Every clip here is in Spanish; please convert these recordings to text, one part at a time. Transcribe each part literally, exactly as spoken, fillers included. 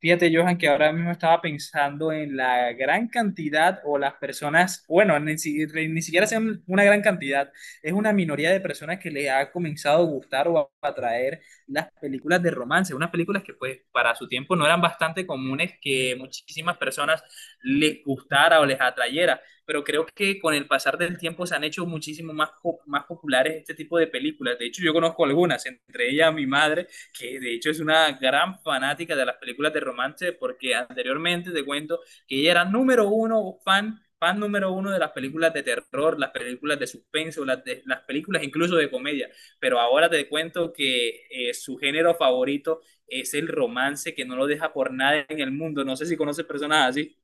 Fíjate, Johan, que ahora mismo estaba pensando en la gran cantidad o las personas, bueno, ni, si- ni siquiera sean una gran cantidad, es una minoría de personas que le ha comenzado a gustar o a atraer las películas de romance, unas películas que pues para su tiempo no eran bastante comunes que muchísimas personas les gustara o les atrayera, pero creo que con el pasar del tiempo se han hecho muchísimo más, po- más populares este tipo de películas. De hecho, yo conozco algunas, entre ellas mi madre, que de hecho es una gran fanática de las películas de romance, porque anteriormente te cuento que ella era número uno fan, fan número uno de las películas de terror, las películas de suspenso, las, de, las películas incluso de comedia, pero ahora te cuento que eh, su género favorito es el romance, que no lo deja por nada en el mundo. No sé si conoces personas así.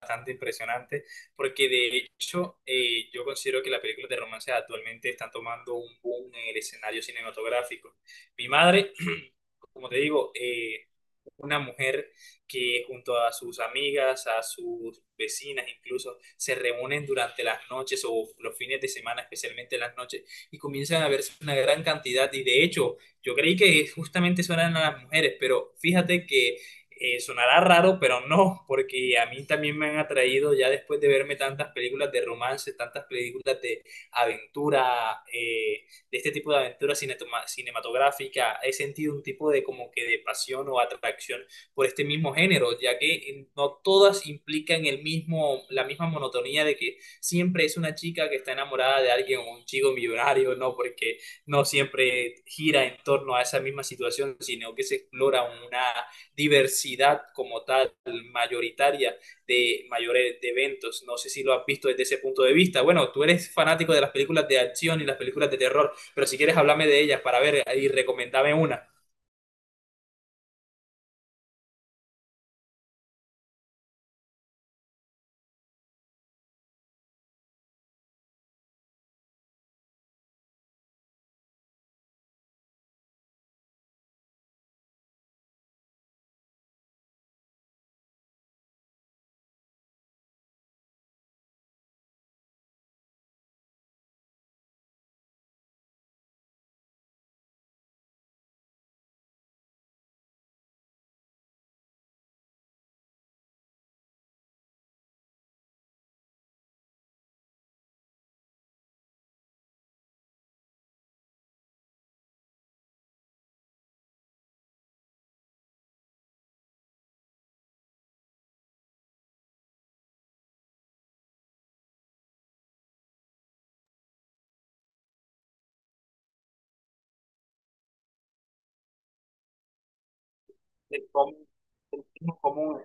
Bastante impresionante, porque de hecho eh, yo considero que las películas de romance actualmente están tomando un boom en el escenario cinematográfico. Mi madre, como te digo, eh, una mujer que junto a sus amigas, a sus vecinas incluso, se reúnen durante las noches o los fines de semana, especialmente las noches, y comienzan a verse una gran cantidad. Y de hecho, yo creí que justamente eso eran las mujeres, pero fíjate que eh, sonará raro, pero no, porque a mí también me han atraído ya después de verme tantas películas de romance, tantas películas de aventura, eh, de este tipo de aventura cinetoma- cinematográfica. He sentido un tipo de como que de pasión o atracción por este mismo género, ya que eh, no todas implican el mismo, la misma monotonía de que siempre es una chica que está enamorada de alguien o un chico millonario. No, porque no siempre gira en torno a esa misma situación, sino que se explora una diversidad como tal, mayoritaria, de mayores de eventos. No sé si lo has visto desde ese punto de vista. Bueno, tú eres fanático de las películas de acción y las películas de terror, pero si quieres, háblame de ellas para ver y recomendame una. El com- el común.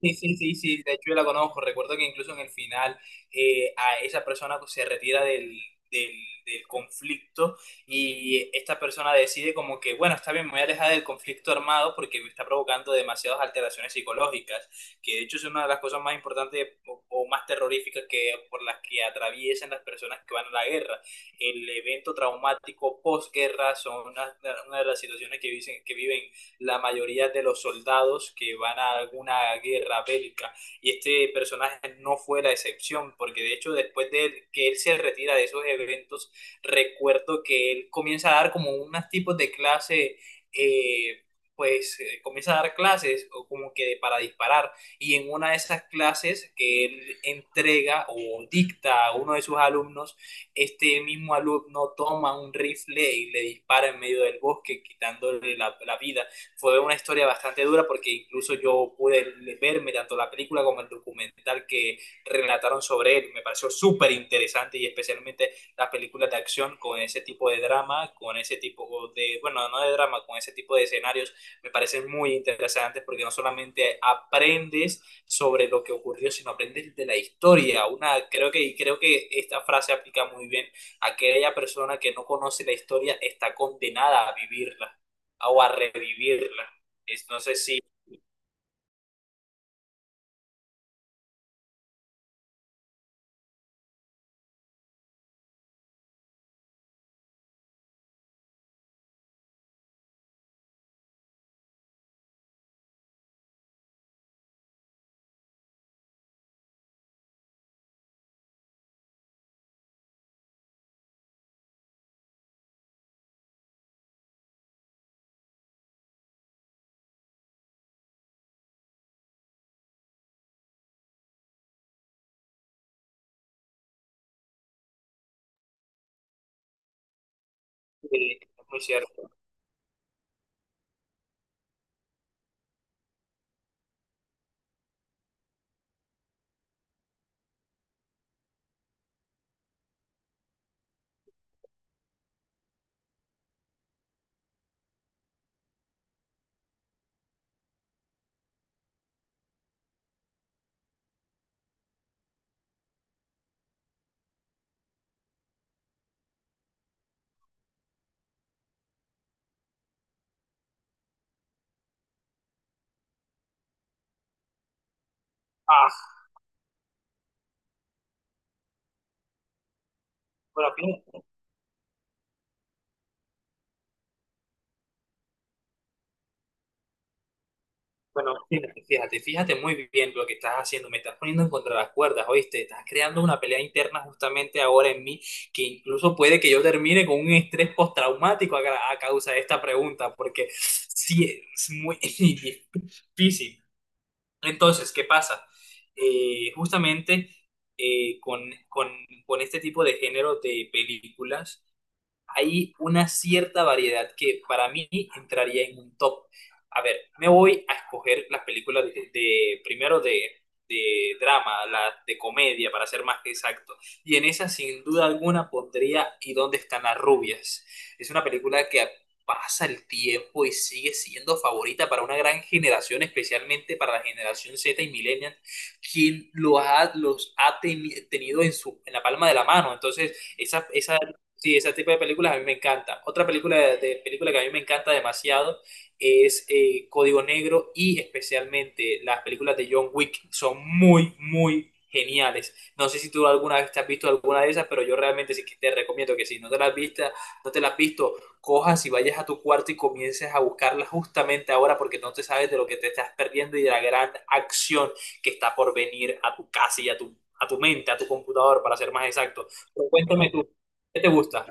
Sí, sí, sí, sí, de hecho yo la conozco. Recuerdo que incluso en el final, eh, a esa persona pues, se retira del, del, del conflicto, y esta persona decide como que, bueno, está bien, me voy a alejar del conflicto armado porque me está provocando demasiadas alteraciones psicológicas, que de hecho es una de las cosas más importantes o, o más terroríficas que, por las que atraviesan las personas que van a la guerra. El evento traumático posguerra son una, una de las situaciones que viven, que viven la mayoría de los soldados que van a alguna guerra bélica. Y este personaje no fue la excepción, porque de hecho después de él, que él se retira de esos eventos, recuerdo que él comienza a dar como unos tipos de clase. Eh, pues eh, comienza a dar clases o como que para disparar, y en una de esas clases que él entrega o dicta a uno de sus alumnos, este mismo alumno toma un rifle y le dispara en medio del bosque, quitándole la, la vida. Fue una historia bastante dura, porque incluso yo pude verme tanto la película como el documental que relataron sobre él. Me pareció súper interesante, y especialmente las películas de acción con ese tipo de drama, con ese tipo de, bueno, no de drama, con ese tipo de escenarios, me parecen muy interesantes porque no solamente aprendes sobre lo que ocurrió, sino aprendes de la historia. Una, creo que, creo que esta frase aplica muy bien: a aquella persona que no conoce la historia, está condenada a vivirla o a revivirla. Es, no sé si eh, es muy cierto. Ah, bueno, fíjate, bueno, fíjate, fíjate, fíjate muy bien lo que estás haciendo. Me estás poniendo en contra las cuerdas, ¿oíste? Estás creando una pelea interna justamente ahora en mí, que incluso puede que yo termine con un estrés postraumático a, ca- a causa de esta pregunta, porque sí, es muy difícil. Entonces, ¿qué pasa? Eh, justamente eh, con, con, con este tipo de género de películas hay una cierta variedad que para mí entraría en un top. A ver, me voy a escoger las películas de, de- primero de, de drama, las de comedia, para ser más exacto. Y en esa, sin duda alguna, pondría ¿Y dónde están las rubias? Es una película que pasa el tiempo y sigue siendo favorita para una gran generación, especialmente para la generación Z y millennials, quien lo ha, los ha teni- tenido en su, en la palma de la mano. Entonces, esa, esa Sí, ese tipo de películas a mí me encanta. Otra película, de, de- película que a mí me encanta demasiado es eh, Código Negro, y especialmente las películas de John Wick. Son muy, muy geniales. No sé si tú alguna vez te has visto alguna de esas, pero yo realmente sí que te recomiendo que si no te las has visto, no te las has visto, cojas y vayas a tu cuarto y comiences a buscarlas justamente ahora, porque no te sabes de lo que te estás perdiendo y de la gran acción que está por venir a tu casa y a tu, a tu mente, a tu computador, para ser más exacto. Pero cuéntame tú, ¿qué te gusta?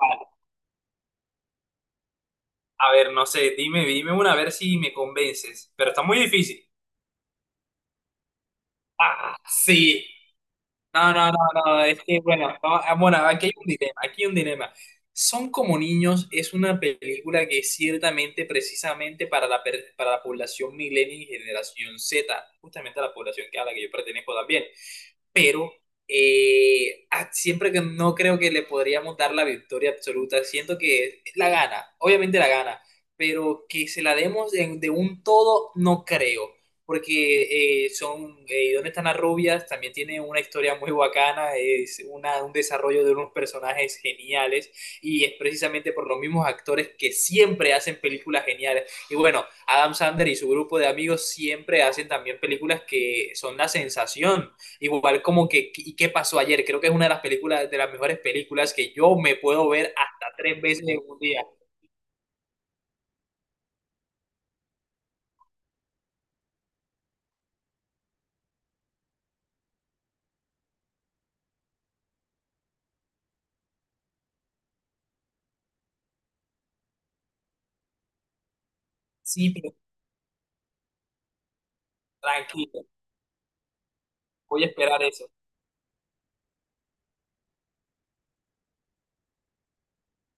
Vale. A ver, no sé, dime, dime una, a ver si me convences, pero está muy difícil. Ah, sí. No, no, no, no, es que bueno, no, ah, bueno, aquí hay un dilema, aquí hay un dilema. Son como niños es una película que es ciertamente precisamente para la, per- para la población millennial y generación Z, justamente la población que a la que yo pertenezco también. Pero eh, ah, siempre que no, creo que le podríamos dar la victoria absoluta. Siento que la gana, obviamente la gana, pero que se la demos de, de un todo, no creo, porque eh, son, eh, ¿Dónde están las rubias? También tiene una historia muy bacana, es una, un desarrollo de unos personajes geniales, y es precisamente por los mismos actores que siempre hacen películas geniales. Y bueno, Adam Sandler y su grupo de amigos siempre hacen también películas que son la sensación. Igual como que, ¿y qué pasó ayer? Creo que es una de las películas, de las mejores películas, que yo me puedo ver hasta tres veces en un día. Sí, pero tranquilo, voy a esperar eso.